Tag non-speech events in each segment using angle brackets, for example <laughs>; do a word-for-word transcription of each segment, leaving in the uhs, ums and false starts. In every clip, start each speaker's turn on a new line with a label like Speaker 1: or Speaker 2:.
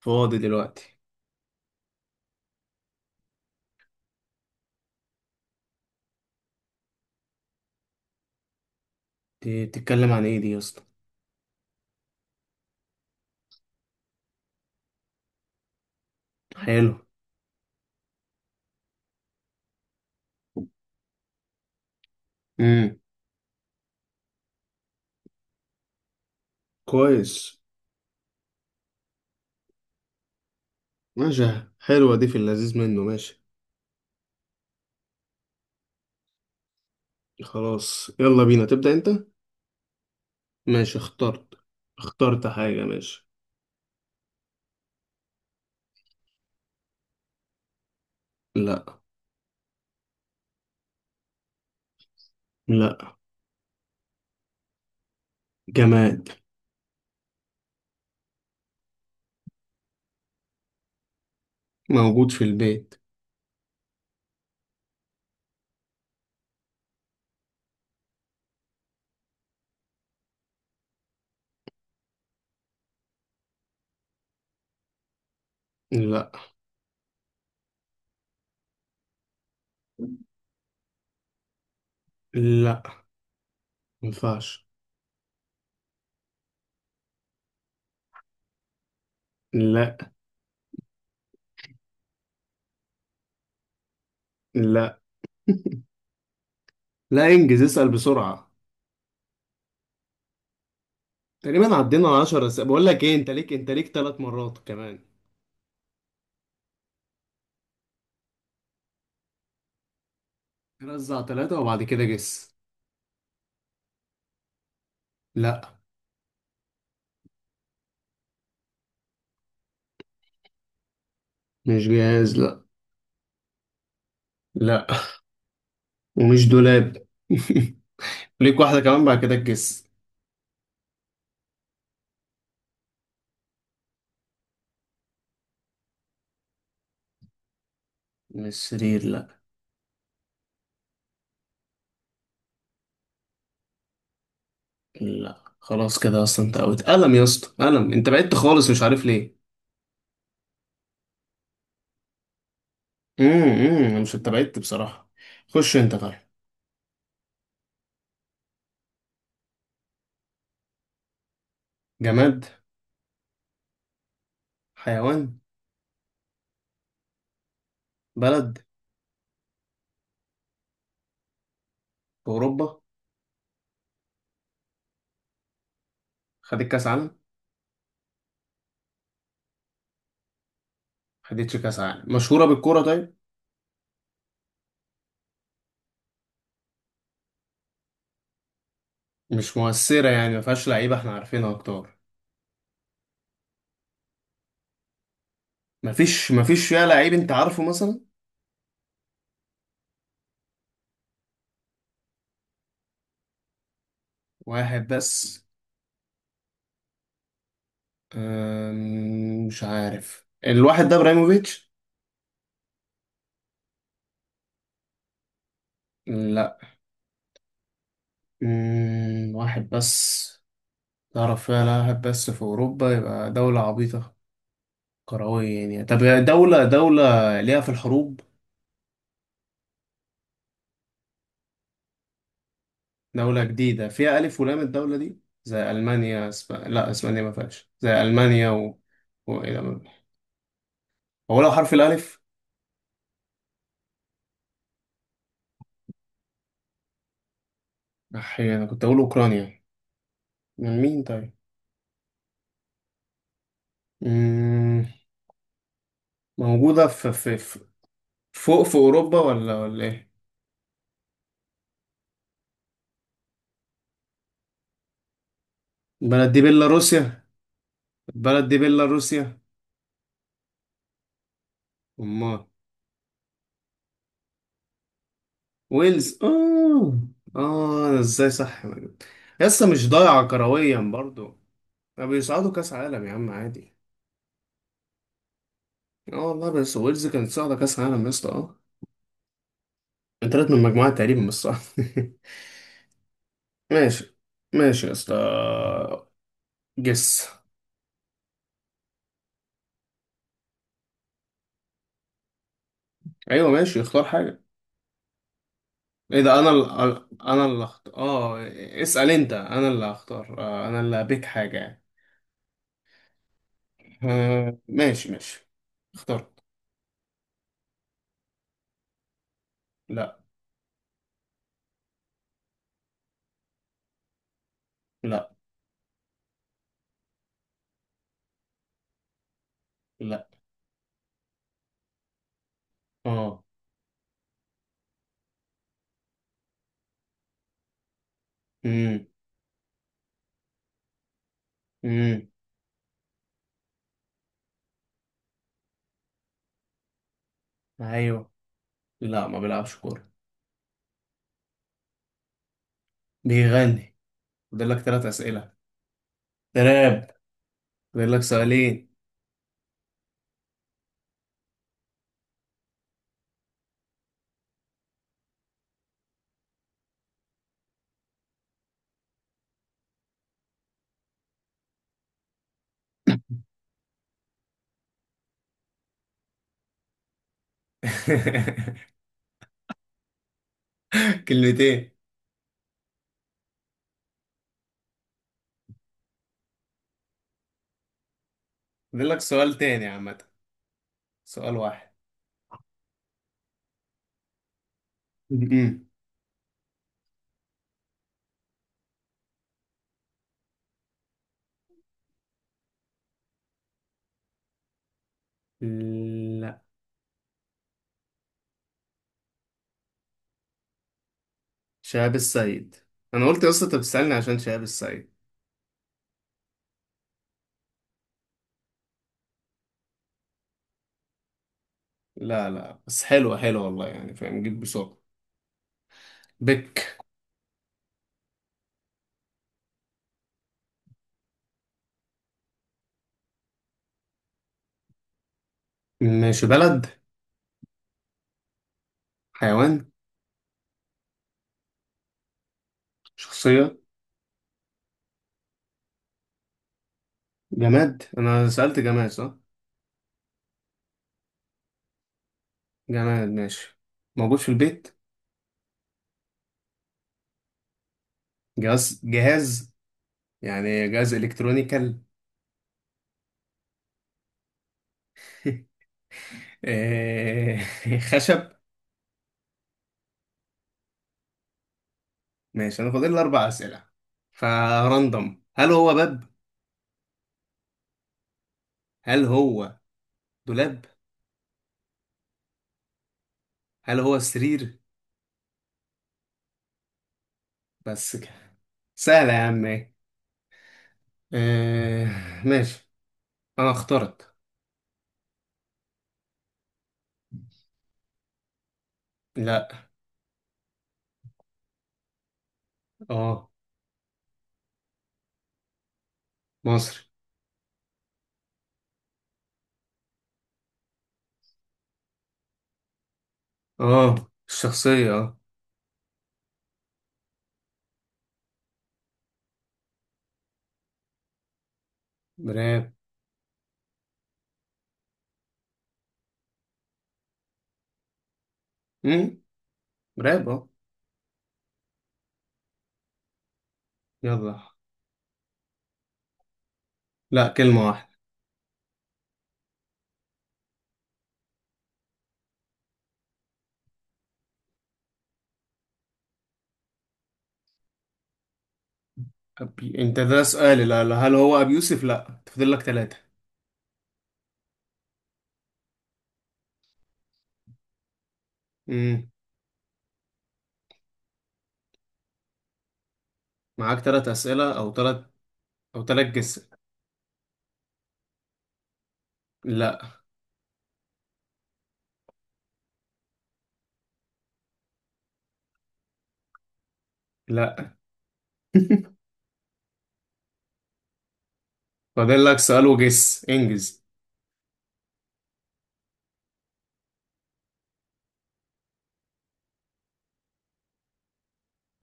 Speaker 1: فاضي دلوقتي. دي بتتكلم عن ايه دي يا اسطى؟ حلو. امم. كويس. ماشي. حلوة دي، في اللذيذ منه. ماشي، خلاص يلا بينا، تبدأ انت. ماشي، اخترت اخترت حاجة. ماشي. لا. لا، جماد. موجود في البيت. لا. لا، مينفعش. لا. لا، لا انجز اسأل بسرعة. تقريبا عدينا على عشرة أسئلة اسئلة. بقول لك ايه، انت ليك انت ليك ثلاث مرات كمان. رزع ثلاثة وبعد كده جس. لا، مش جاهز. لا. لا، ومش دولاب <laughs> ليك واحدة كمان بعد كده الجس. من السرير، لا. لا خلاص كده، اصلا انت اوت قلم يا اسطى، قلم، انت بعدت خالص مش عارف ليه. امم أمم، مش انت بعدت بصراحة. خش انت طيب. جماد؟ حيوان؟ بلد؟ في اوروبا؟ خدت كاس عالم؟ خدتش كاس عالم؟ مشهورة بالكورة طيب؟ مش مؤثرة يعني، ما فيهاش لعيبة احنا عارفينها اكتر؟ ما فيش ما فيش فيها لعيب انت عارفه مثلا؟ واحد بس؟ أمم، مش عارف الواحد ده، ابراهيموفيتش؟ لا. مم، واحد بس. تعرف فيها لا واحد بس في أوروبا، يبقى دولة عبيطة كروية يعني. طب دولة دولة ليها في الحروب؟ دولة جديدة؟ فيها ألف ولام الدولة دي زي ألمانيا. اسب... لا، أسبانيا ما فيهاش، زي ألمانيا و... و... إيه ده؟ هو لو حرف الألف، أحيانا أنا كنت أقول أوكرانيا. من مين طيب؟ مم، موجودة في... في... في فوق في أوروبا ولا ولا إيه؟ البلد دي بيلاروسيا؟ البلد دي بيلاروسيا؟ أمال؟ ويلز؟ اه. اه أنا ازاي صح؟ لسه مش ضايعة كرويا برضو، ما بيصعدوا كاس عالم يا عم عادي. اه والله، بس ويلز كانت صاعدة كاس عالم يا اسطى، اه. انترت من المجموعة تقريبا، مش صح؟ <laughs> ماشي. ماشي يا اسطى، جس. ايوه ماشي، اختار حاجة. ايه ده، انا اللي انا اللي اختار؟ اه، اسأل انت، انا اللي هختار. آه، انا اللي هبيك حاجة يعني. آه، ماشي ماشي. اخترت. لا. لا. لا. اه. امم. ايوه. لا، ما بيلعبش كورة. بيغني. فاضل لك ثلاث أسئلة. تراب. فاضل لك سؤالين. <laughs> كلمتين. فاضل لك سؤال تاني عامة، سؤال واحد. م-م. لا. شهاب السيد. انا قلت يا اسطى انت بتسألني عشان شهاب السيد. لا لا، بس حلوة حلوة والله، يعني فاهم، جيت بسرعة بك. ماشي. بلد؟ حيوان؟ شخصية؟ جماد؟ انا سألت جماد صح؟ جماد، ماشي. موجود في البيت. جهاز، جهاز يعني، جهاز الكترونيكال؟ <laughs> آه، خشب. ماشي انا فاضل لي اربع اسئله، فراندوم، هل هو باب؟ هل هو دولاب؟ هل هو سرير؟ بس كده؟ سهله يا عم إيه. آه، ماشي انا اخترت. لا. اه. مصري. اه. الشخصيه اه. براب. امم. براب اه. يلا. لا، كلمه واحده. أبي... انت ده سؤال، لا لا، هل هو ابي يوسف؟ لا، تفضل لك ثلاثه. امم. معاك ثلاث اسئله او ثلاث او تلات جس. لا. لا. <laughs> فاضل لك سؤال وجس انجز.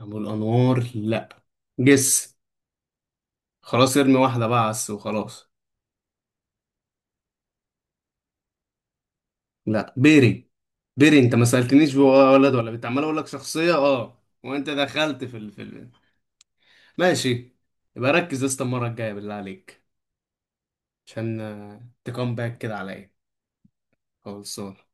Speaker 1: ابو الانوار؟ لا. جس خلاص، ارمي واحده بقى، عس وخلاص. لا، بيري. بيري، انت ما سالتنيش هو ولد ولا بنت، عمال اقول لك شخصيه اه، وانت دخلت في ال... في ال... ماشي. يبقى ركز يا اسطى المره الجايه بالله عليك، عشان آه، تكون باك كده عليا. خلاص.